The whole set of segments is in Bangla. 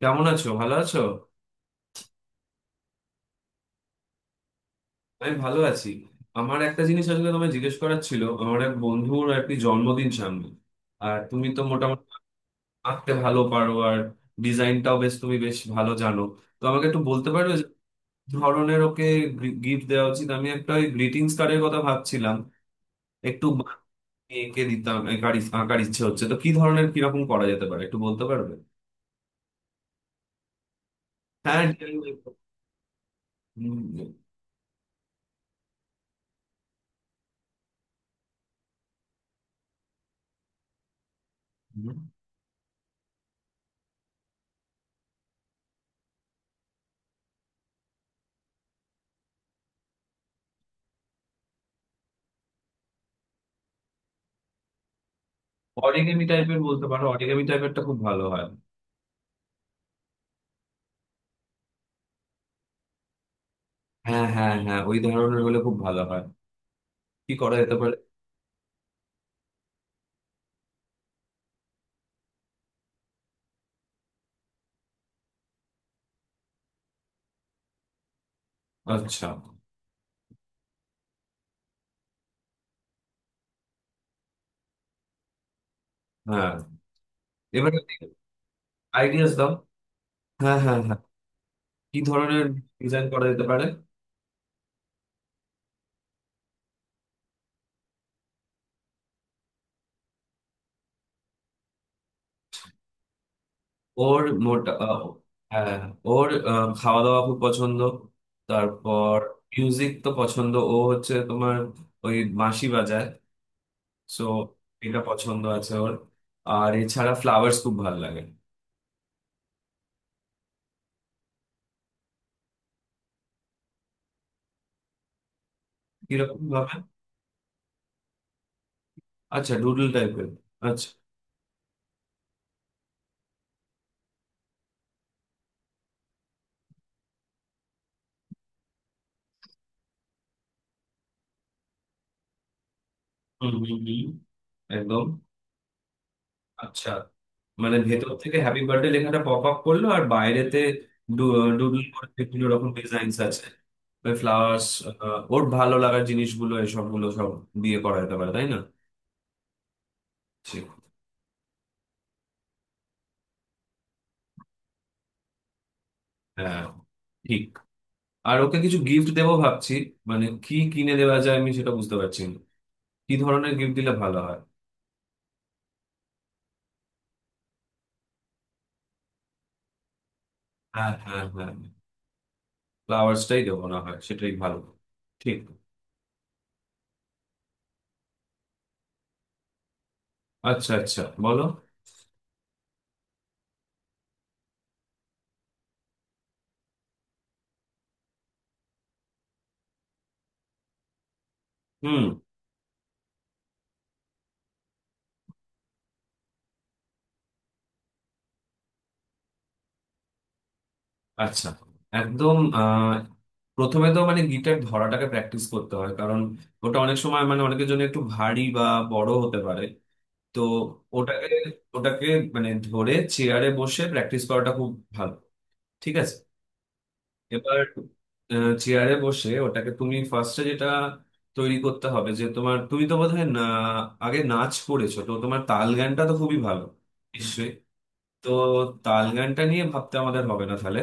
কেমন আছো? ভালো আছো? আমি ভালো আছি। আমার একটা জিনিস আসলে তোমায় জিজ্ঞেস করার ছিল। আমার এক বন্ধুর আর কি জন্মদিন সামনে, আর তুমি তো মোটামুটি আঁকতে ভালো পারো আর ডিজাইনটাও বেশ, তুমি বেশ ভালো জানো। তো আমাকে একটু বলতে পারবে যে কি ধরনের ওকে গিফট দেওয়া উচিত? আমি একটা ওই গ্রিটিংস কার্ডের কথা ভাবছিলাম, একটু বানিয়ে এঁকে দিতাম। আঁকার ইচ্ছে হচ্ছে, তো কি ধরনের, কিরকম করা যেতে পারে একটু বলতে পারবে? হ্যাঁ, অরিগেমি টাইপের বলতে পারো, অরিগেমি টাইপেরটা খুব ভালো হয়। হ্যাঁ, হ্যাঁ, হ্যাঁ, ওই ধরনের হলে খুব ভালো হয়। কি করা যেতে পারে? আচ্ছা। হ্যাঁ, এবারে আইডিয়াস দাও। হ্যাঁ, হ্যাঁ, হ্যাঁ। কি ধরনের ডিজাইন করা যেতে পারে? ওর মোটা হ্যাঁ, ওর খাওয়া দাওয়া খুব পছন্দ। তারপর মিউজিক তো পছন্দ ও হচ্ছে তোমার, ওই বাঁশি বাজায়। সো এটা পছন্দ আছে ওর। আর এছাড়া ফ্লাওয়ার্স খুব ভালো লাগে। কিরকম ভাবে? আচ্ছা, ডুডল টাইপের। আচ্ছা। হুম, হুম, হুম, একদম। আচ্ছা, মানে ভেতর থেকে হ্যাপি বার্থডে লেখাটা পপ আপ করলো আর বাইরেতে ডুডল করে বিভিন্ন রকম ডিজাইনস আছে, ওই ফ্লাওয়ার্স, ওর ভালো লাগার জিনিসগুলো, এসবগুলো সব দিয়ে করা যেতে পারে, তাই না? ঠিক। হ্যাঁ, ঠিক। আর ওকে কিছু গিফট দেবো ভাবছি, মানে কি কিনে দেওয়া যায় আমি সেটা বুঝতে পারছি না। কি ধরনের গিফট দিলে ভালো হয়? হ্যাঁ, হ্যাঁ, হ্যাঁ, ফ্লাওয়ার্সটাই দেবো না হয়, সেটাই ভালো। ঠিক। আচ্ছা, আচ্ছা, বলো। হুম। আচ্ছা, একদম প্রথমে তো মানে গিটার ধরাটাকে প্র্যাকটিস করতে হয়, কারণ ওটা অনেক সময় মানে অনেকের জন্য একটু ভারী বা বড় হতে পারে। তো ওটাকে ওটাকে মানে ধরে চেয়ারে বসে প্র্যাকটিস করাটা খুব ভালো। ঠিক আছে? এবার চেয়ারে বসে ওটাকে তুমি ফার্স্টে যেটা তৈরি করতে হবে যে তোমার, তুমি তো বোধহয় না আগে নাচ করেছো, তো তোমার তাল গানটা তো খুবই ভালো নিশ্চয়ই। তো তাল গানটা নিয়ে ভাবতে আমাদের হবে না তাহলে।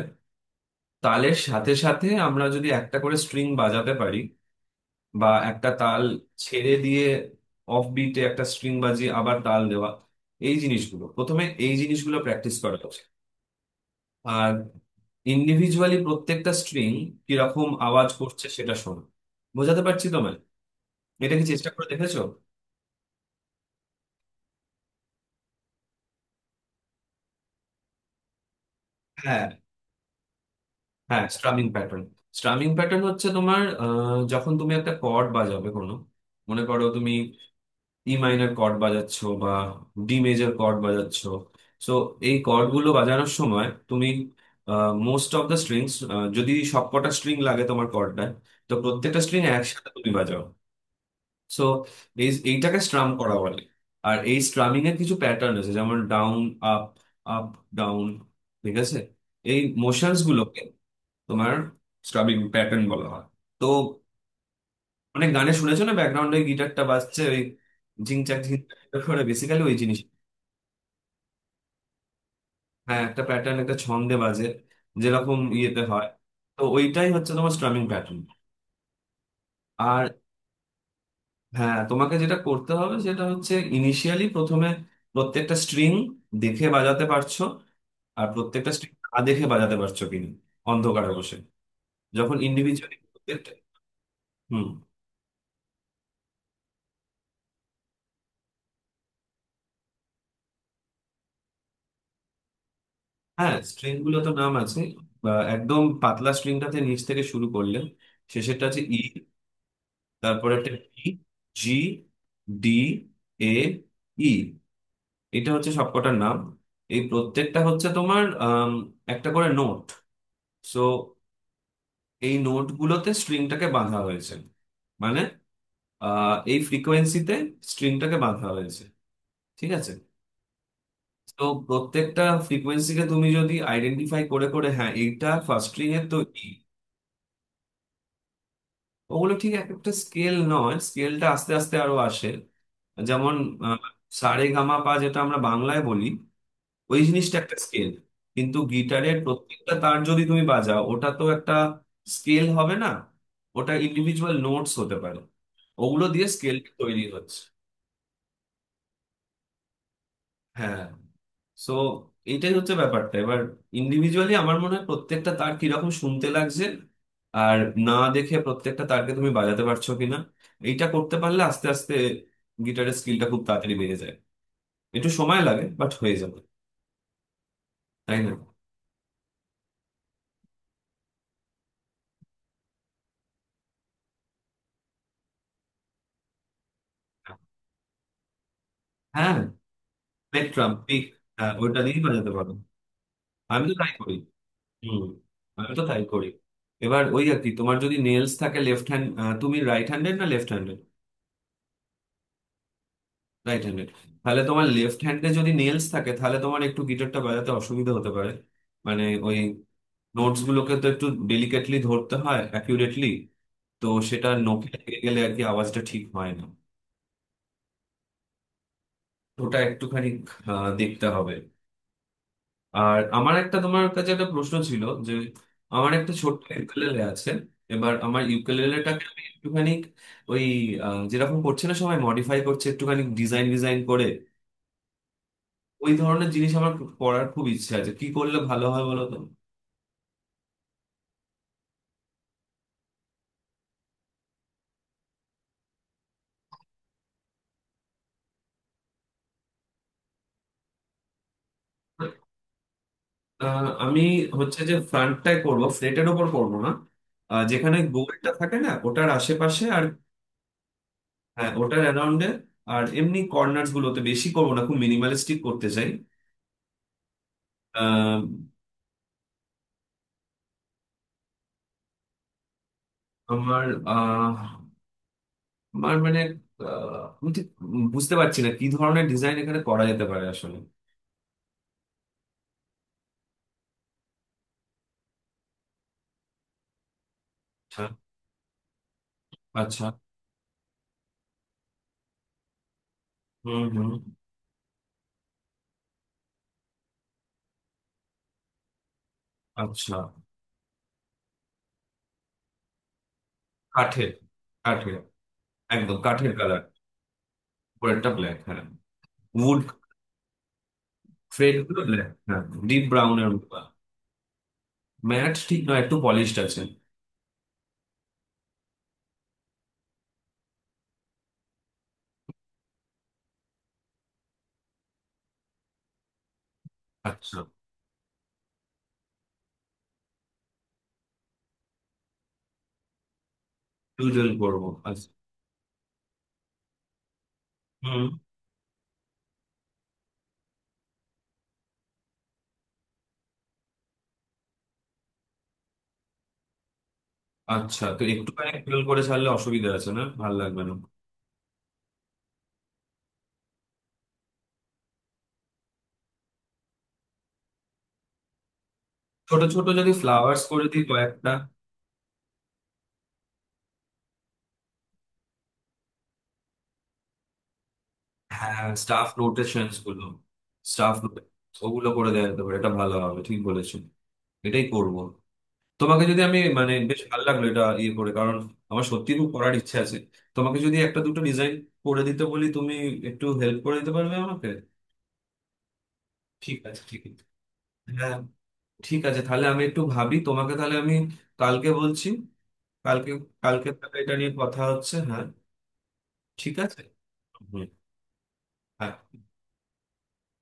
তালের সাথে সাথে আমরা যদি একটা করে স্ট্রিং বাজাতে পারি, বা একটা তাল ছেড়ে দিয়ে অফ বিটে একটা স্ট্রিং বাজিয়ে আবার তাল দেওয়া, এই জিনিসগুলো প্রথমে, এই জিনিসগুলো প্র্যাকটিস করা উচিত। আর ইন্ডিভিজুয়ালি প্রত্যেকটা স্ট্রিং কিরকম আওয়াজ করছে সেটা শোনো। বোঝাতে পারছি তোমায়? এটা কি চেষ্টা করে দেখেছো? হ্যাঁ, হ্যাঁ, স্ট্রামিং প্যাটার্ন। স্ট্রামিং প্যাটার্ন হচ্ছে তোমার, যখন তুমি একটা কর্ড বাজাবে কোনো, মনে করো তুমি ই মাইনর কর্ড বাজাচ্ছ, বা ডি মেজর কর্ড বাজাচ্ছ, সো এই কর্ডগুলো বাজানোর সময় তুমি মোস্ট অফ দ্য স্ট্রিংস, যদি সবকটা স্ট্রিং লাগে তোমার কর্ডটা, তো প্রত্যেকটা স্ট্রিং একসাথে তুমি বাজাও। সো এইটাকে স্ট্রাম করা বলে। আর এই স্ট্রামিং এর কিছু প্যাটার্ন আছে, যেমন ডাউন, আপ, আপ, ডাউন। ঠিক আছে? এই মোশনস গুলোকে তোমার স্ট্রামিং প্যাটার্ন বলা হয়। তো মানে গানে শুনেছো না, ব্যাকগ্রাউন্ডে গিটারটা বাজছে ওই ঝিং ঝাক ঝিং ঝাক করে, বেসিক্যালি ওই জিনিস। হ্যাঁ, একটা প্যাটার্ন, একটা ছন্দে বাজে, যেরকম ইয়েতে হয়। তো ওইটাই হচ্ছে তোমার স্ট্রামিং প্যাটার্ন। আর হ্যাঁ, তোমাকে যেটা করতে হবে সেটা হচ্ছে ইনিশিয়ালি প্রথমে প্রত্যেকটা স্ট্রিং দেখে বাজাতে পারছো, আর প্রত্যেকটা স্ট্রিং না দেখে বাজাতে পারছো কিনা, অন্ধকারে বসে, যখন ইন্ডিভিজুয়ালি প্রত্যেকটা। হুম। হ্যাঁ, স্ট্রিং গুলো তো নাম আছে। বা একদম পাতলা স্ট্রিংটাতে নিচ থেকে শুরু করলে শেষেরটা আছে ই, তারপরে একটা ই, জি, ডি, এ, ই, এটা হচ্ছে সবকটার নাম। এই প্রত্যেকটা হচ্ছে তোমার একটা করে নোট। সো এই নোটগুলোতে স্ট্রিংটাকে বাঁধা হয়েছে, মানে এই ফ্রিকোয়েন্সিতে স্ট্রিংটাকে বাঁধা হয়েছে। ঠিক আছে? তো প্রত্যেকটা ফ্রিকোয়েন্সিকে তুমি যদি আইডেন্টিফাই করে করে, হ্যাঁ এইটা ফার্স্ট স্ট্রিং এর, তো ই, ওগুলো ঠিক এক একটা স্কেল নয়, স্কেলটা আস্তে আস্তে আরো আসে। যেমন আহ, সা রে গা মা পা যেটা আমরা বাংলায় বলি, ওই জিনিসটা একটা স্কেল। কিন্তু গিটারের প্রত্যেকটা তার যদি তুমি বাজাও ওটা তো একটা স্কেল হবে না, ওটা ইন্ডিভিজুয়াল নোটস হতে পারে। ওগুলো দিয়ে স্কেল তৈরি হচ্ছে। হ্যাঁ, সো এটাই হচ্ছে ব্যাপারটা। এবার ইন্ডিভিজুয়ালি আমার মনে হয় প্রত্যেকটা তার কিরকম শুনতে লাগছে আর না দেখে প্রত্যেকটা তারকে তুমি বাজাতে পারছো কিনা, এইটা করতে পারলে আস্তে আস্তে গিটারের স্কিলটা খুব তাড়াতাড়ি বেড়ে যায়। একটু সময় লাগে বাট হয়ে যাবে, তাই না? হ্যাঁ, পেট্রাম পিক, হ্যাঁ, ওইটা দিয়েই বাজাতে পারো। আমি তো তাই করি। হুম, আমি তো তাই করি। এবার ওই আর কি তোমার যদি নেলস থাকে লেফট হ্যান্ড, তুমি রাইট হ্যান্ডেড না লেফট হ্যান্ডেড? Right handed? তাহলে তোমার লেফট হ্যান্ডে যদি নেলস থাকে তাহলে তোমার একটু গিটারটা বাজাতে অসুবিধা হতে পারে। মানে ওই নোটস গুলোকে তো একটু ডেলিকেটলি ধরতে হয়, অ্যাকিউরেটলি, তো সেটা নখে লেগে গেলে আর কি আওয়াজটা ঠিক হয় না। ওটা একটুখানি দেখতে হবে। আর আমার একটা, তোমার কাছে একটা প্রশ্ন ছিল যে আমার একটা ছোট্ট ইউকেলেলে আছে। এবার আমার ইউকেলেলেটাকে আমি একটুখানি ওই, যেরকম করছে না সবাই মডিফাই করছে, একটুখানি ডিজাইন ডিজাইন করে, ওই ধরনের জিনিস আমার খুব করার খুব ইচ্ছে আছে, কি করলে ভালো হয় বলো তো? আহ, আমি হচ্ছে যে ফ্রন্টটাই করব, ফ্লেটের ওপর করব না, যেখানে গোলটা থাকে না ওটার আশেপাশে, আর হ্যাঁ ওটার অ্যারাউন্ডে। আর এমনি কর্নার্স গুলোতে বেশি করবো না, খুব মিনিমালিস্টিক করতে চাই। আহ, আমার আহ, আমার মানে আহ, আমি ঠিক বুঝতে পারছি না কি ধরনের ডিজাইন এখানে করা যেতে পারে আসলে। আচ্ছা, আচ্ছা। হুম, হুম। আচ্ছা। কাঠের, কাঠের, একদম কাঠের কালার। উপরেরটা ব্ল্যাক, হ্যাঁ উড। ফ্রেড গুলো, হ্যাঁ, ডিপ ব্রাউন এর মতো। ম্যাট ঠিক নয়, একটু পলিশড আছে। আচ্ছা, ডুডল করবো। আচ্ছা। হুম। আচ্ছা, তো একটুখানি ডুডল করে ছাড়লে অসুবিধা আছে? না ভালো লাগবে না? ছোট ছোট যদি ফ্লাওয়ার্স করে দিই কয়েকটা? হ্যাঁ, স্টাফ নোটেশনস গুলো, স্টাফ, ওগুলো করে দেওয়া যেতে পারে, এটা ভালো হবে, ঠিক বলেছো, এটাই করব। তোমাকে যদি আমি মানে, বেশ ভালো লাগলো এটা ইয়ে করে, কারণ আমার সত্যি খুব করার ইচ্ছে আছে। তোমাকে যদি একটা দুটো ডিজাইন করে দিতে বলি তুমি একটু হেল্প করে দিতে পারবে আমাকে? ঠিক আছে, ঠিক আছে। হ্যাঁ, ঠিক আছে, তাহলে আমি একটু ভাবি। তোমাকে তাহলে আমি কালকে বলছি, কালকে, কালকে তাহলে এটা নিয়ে কথা হচ্ছে, হ্যাঁ। ঠিক আছে। হুম। হ্যাঁ।